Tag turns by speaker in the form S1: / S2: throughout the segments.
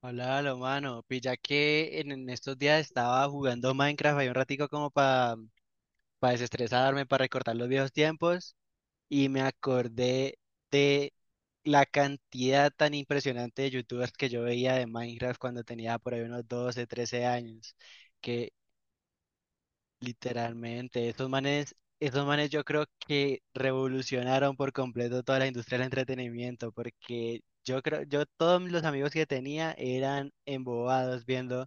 S1: Hola, lo mano. Pilla que en estos días estaba jugando Minecraft ahí un ratico como para desestresarme, para recortar los viejos tiempos y me acordé de la cantidad tan impresionante de youtubers que yo veía de Minecraft cuando tenía por ahí unos 12, 13 años, que literalmente esos manes yo creo que revolucionaron por completo toda la industria del entretenimiento, porque yo creo, yo todos los amigos que tenía eran embobados viendo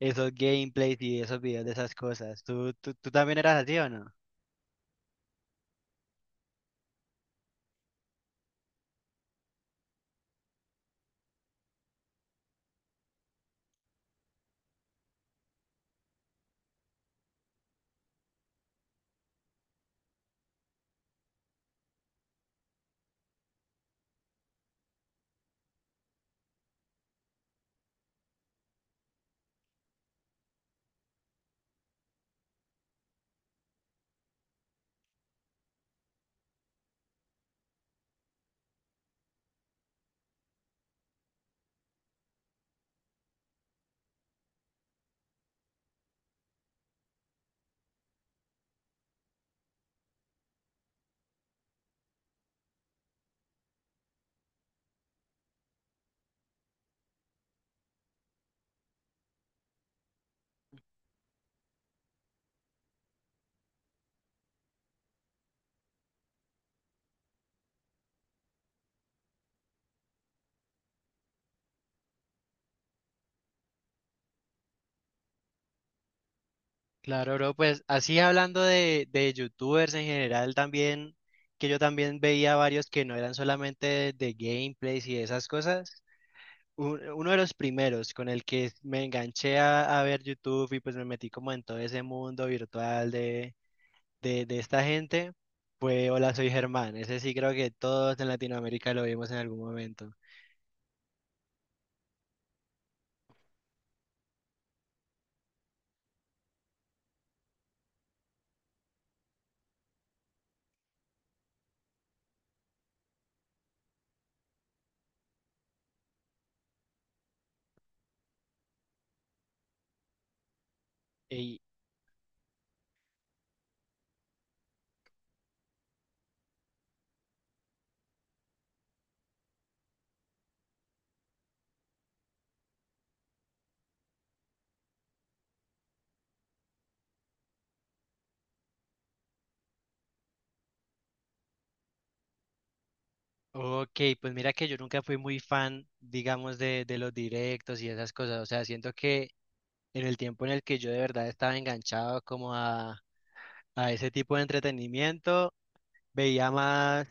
S1: esos gameplays y esos videos de esas cosas. ¿Tú también eras así o no? Claro, bro, pues así hablando de youtubers en general también, que yo también veía varios que no eran solamente de gameplays y esas cosas. Uno de los primeros con el que me enganché a ver YouTube y pues me metí como en todo ese mundo virtual de esta gente fue Hola, soy Germán. Ese sí creo que todos en Latinoamérica lo vimos en algún momento. Ok, pues mira que yo nunca fui muy fan, digamos, de los directos y esas cosas. O sea, siento que en el tiempo en el que yo de verdad estaba enganchado como a ese tipo de entretenimiento, veía más,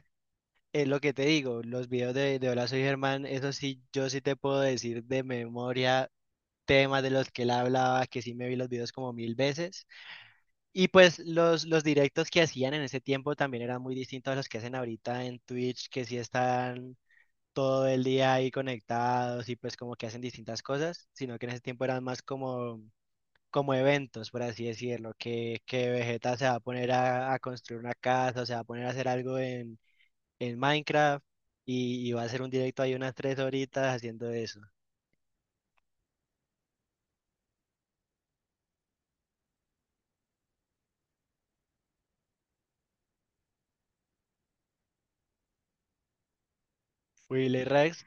S1: es lo que te digo, los videos de Hola Soy Germán. Eso sí, yo sí te puedo decir de memoria temas de los que él hablaba, que sí me vi los videos como mil veces. Y pues los directos que hacían en ese tiempo también eran muy distintos a los que hacen ahorita en Twitch, que sí están todo el día ahí conectados y pues como que hacen distintas cosas, sino que en ese tiempo eran más como, como eventos, por así decirlo, que Vegeta se va a poner a construir una casa, o se va a poner a hacer algo en Minecraft y va a hacer un directo ahí unas tres horitas haciendo eso. Willy Rex,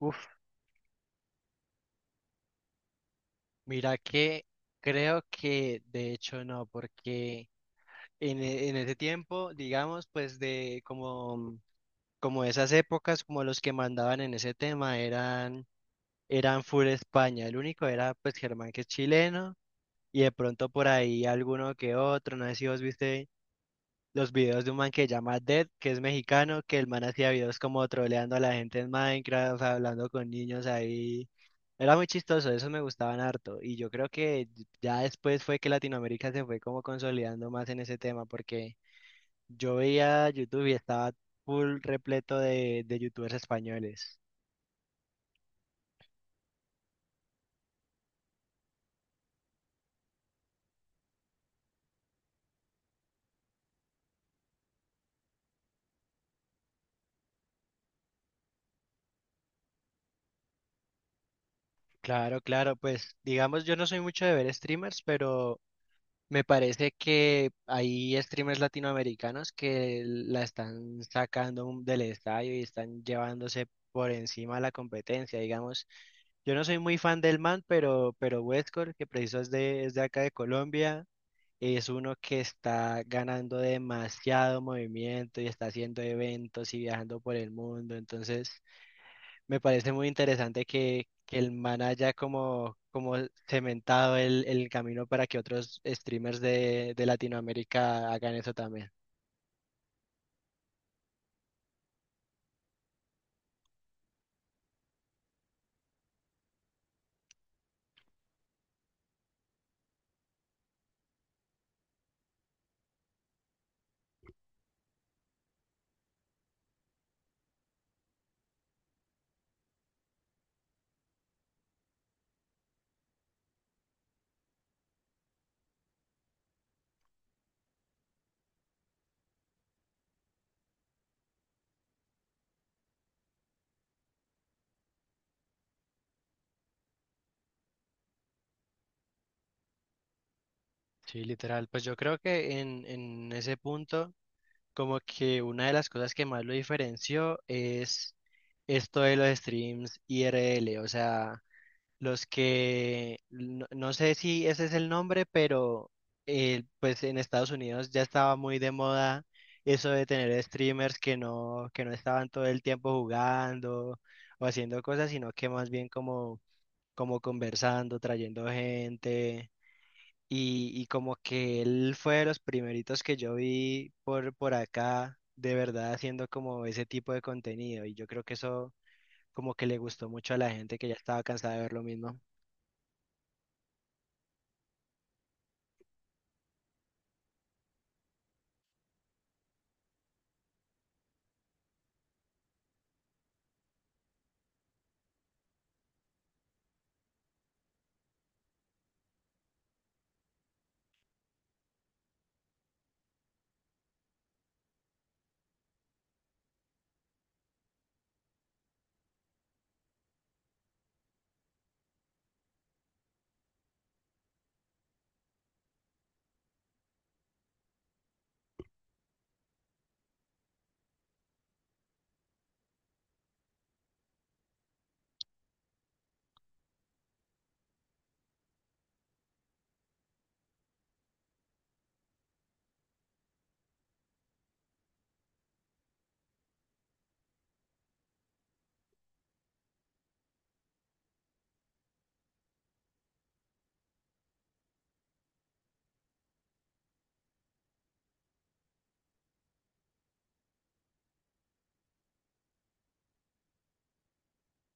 S1: uff, mira que creo que de hecho no, porque en ese tiempo, digamos, pues de como... Como esas épocas, como los que mandaban en ese tema eran full España. El único era pues Germán, que es chileno, y de pronto por ahí alguno que otro. No sé si vos viste los videos de un man que se llama Dead, que es mexicano, que el man hacía videos como troleando a la gente en Minecraft, o sea, hablando con niños ahí. Era muy chistoso, esos me gustaban harto. Y yo creo que ya después fue que Latinoamérica se fue como consolidando más en ese tema, porque yo veía YouTube y estaba full repleto de youtubers españoles. Claro, claro, pues digamos, yo no soy mucho de ver streamers, pero me parece que hay streamers latinoamericanos que la están sacando del estadio y están llevándose por encima la competencia, digamos. Yo no soy muy fan del man, pero Westcor, que preciso es de acá de Colombia, es uno que está ganando demasiado movimiento y está haciendo eventos y viajando por el mundo, entonces... Me parece muy interesante que el man haya como, como cementado el camino para que otros streamers de Latinoamérica hagan eso también. Sí, literal. Pues yo creo que en ese punto, como que una de las cosas que más lo diferenció es esto de los streams IRL. O sea, los que, no, no sé si ese es el nombre, pero pues en Estados Unidos ya estaba muy de moda eso de tener streamers que no estaban todo el tiempo jugando o haciendo cosas, sino que más bien como, como conversando, trayendo gente. Y como que él fue de los primeritos que yo vi por acá, de verdad haciendo como ese tipo de contenido. Y yo creo que eso como que le gustó mucho a la gente que ya estaba cansada de ver lo mismo.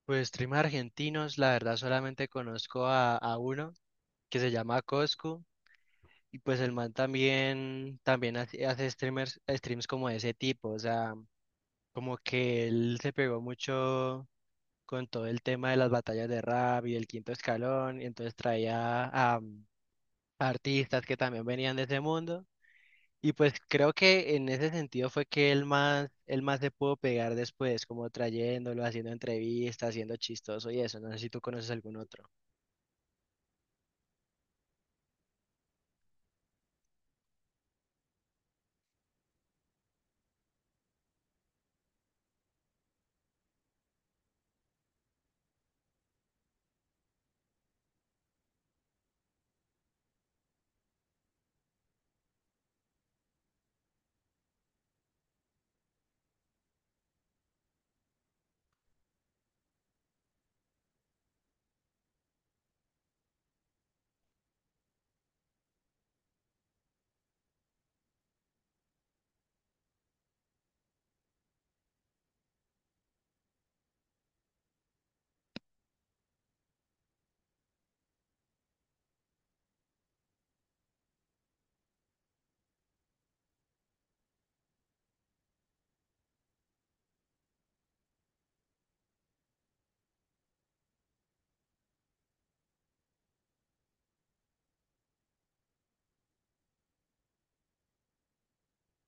S1: Pues streamers argentinos, la verdad solamente conozco a uno que se llama Coscu y pues el man también, también hace streamers, streams como de ese tipo, o sea, como que él se pegó mucho con todo el tema de las batallas de rap y el quinto escalón y entonces traía a artistas que también venían de ese mundo. Y pues creo que en ese sentido fue que él más se pudo pegar después, como trayéndolo, haciendo entrevistas, haciendo chistoso y eso. No sé si tú conoces algún otro.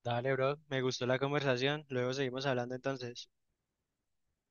S1: Dale, bro, me gustó la conversación. Luego seguimos hablando entonces.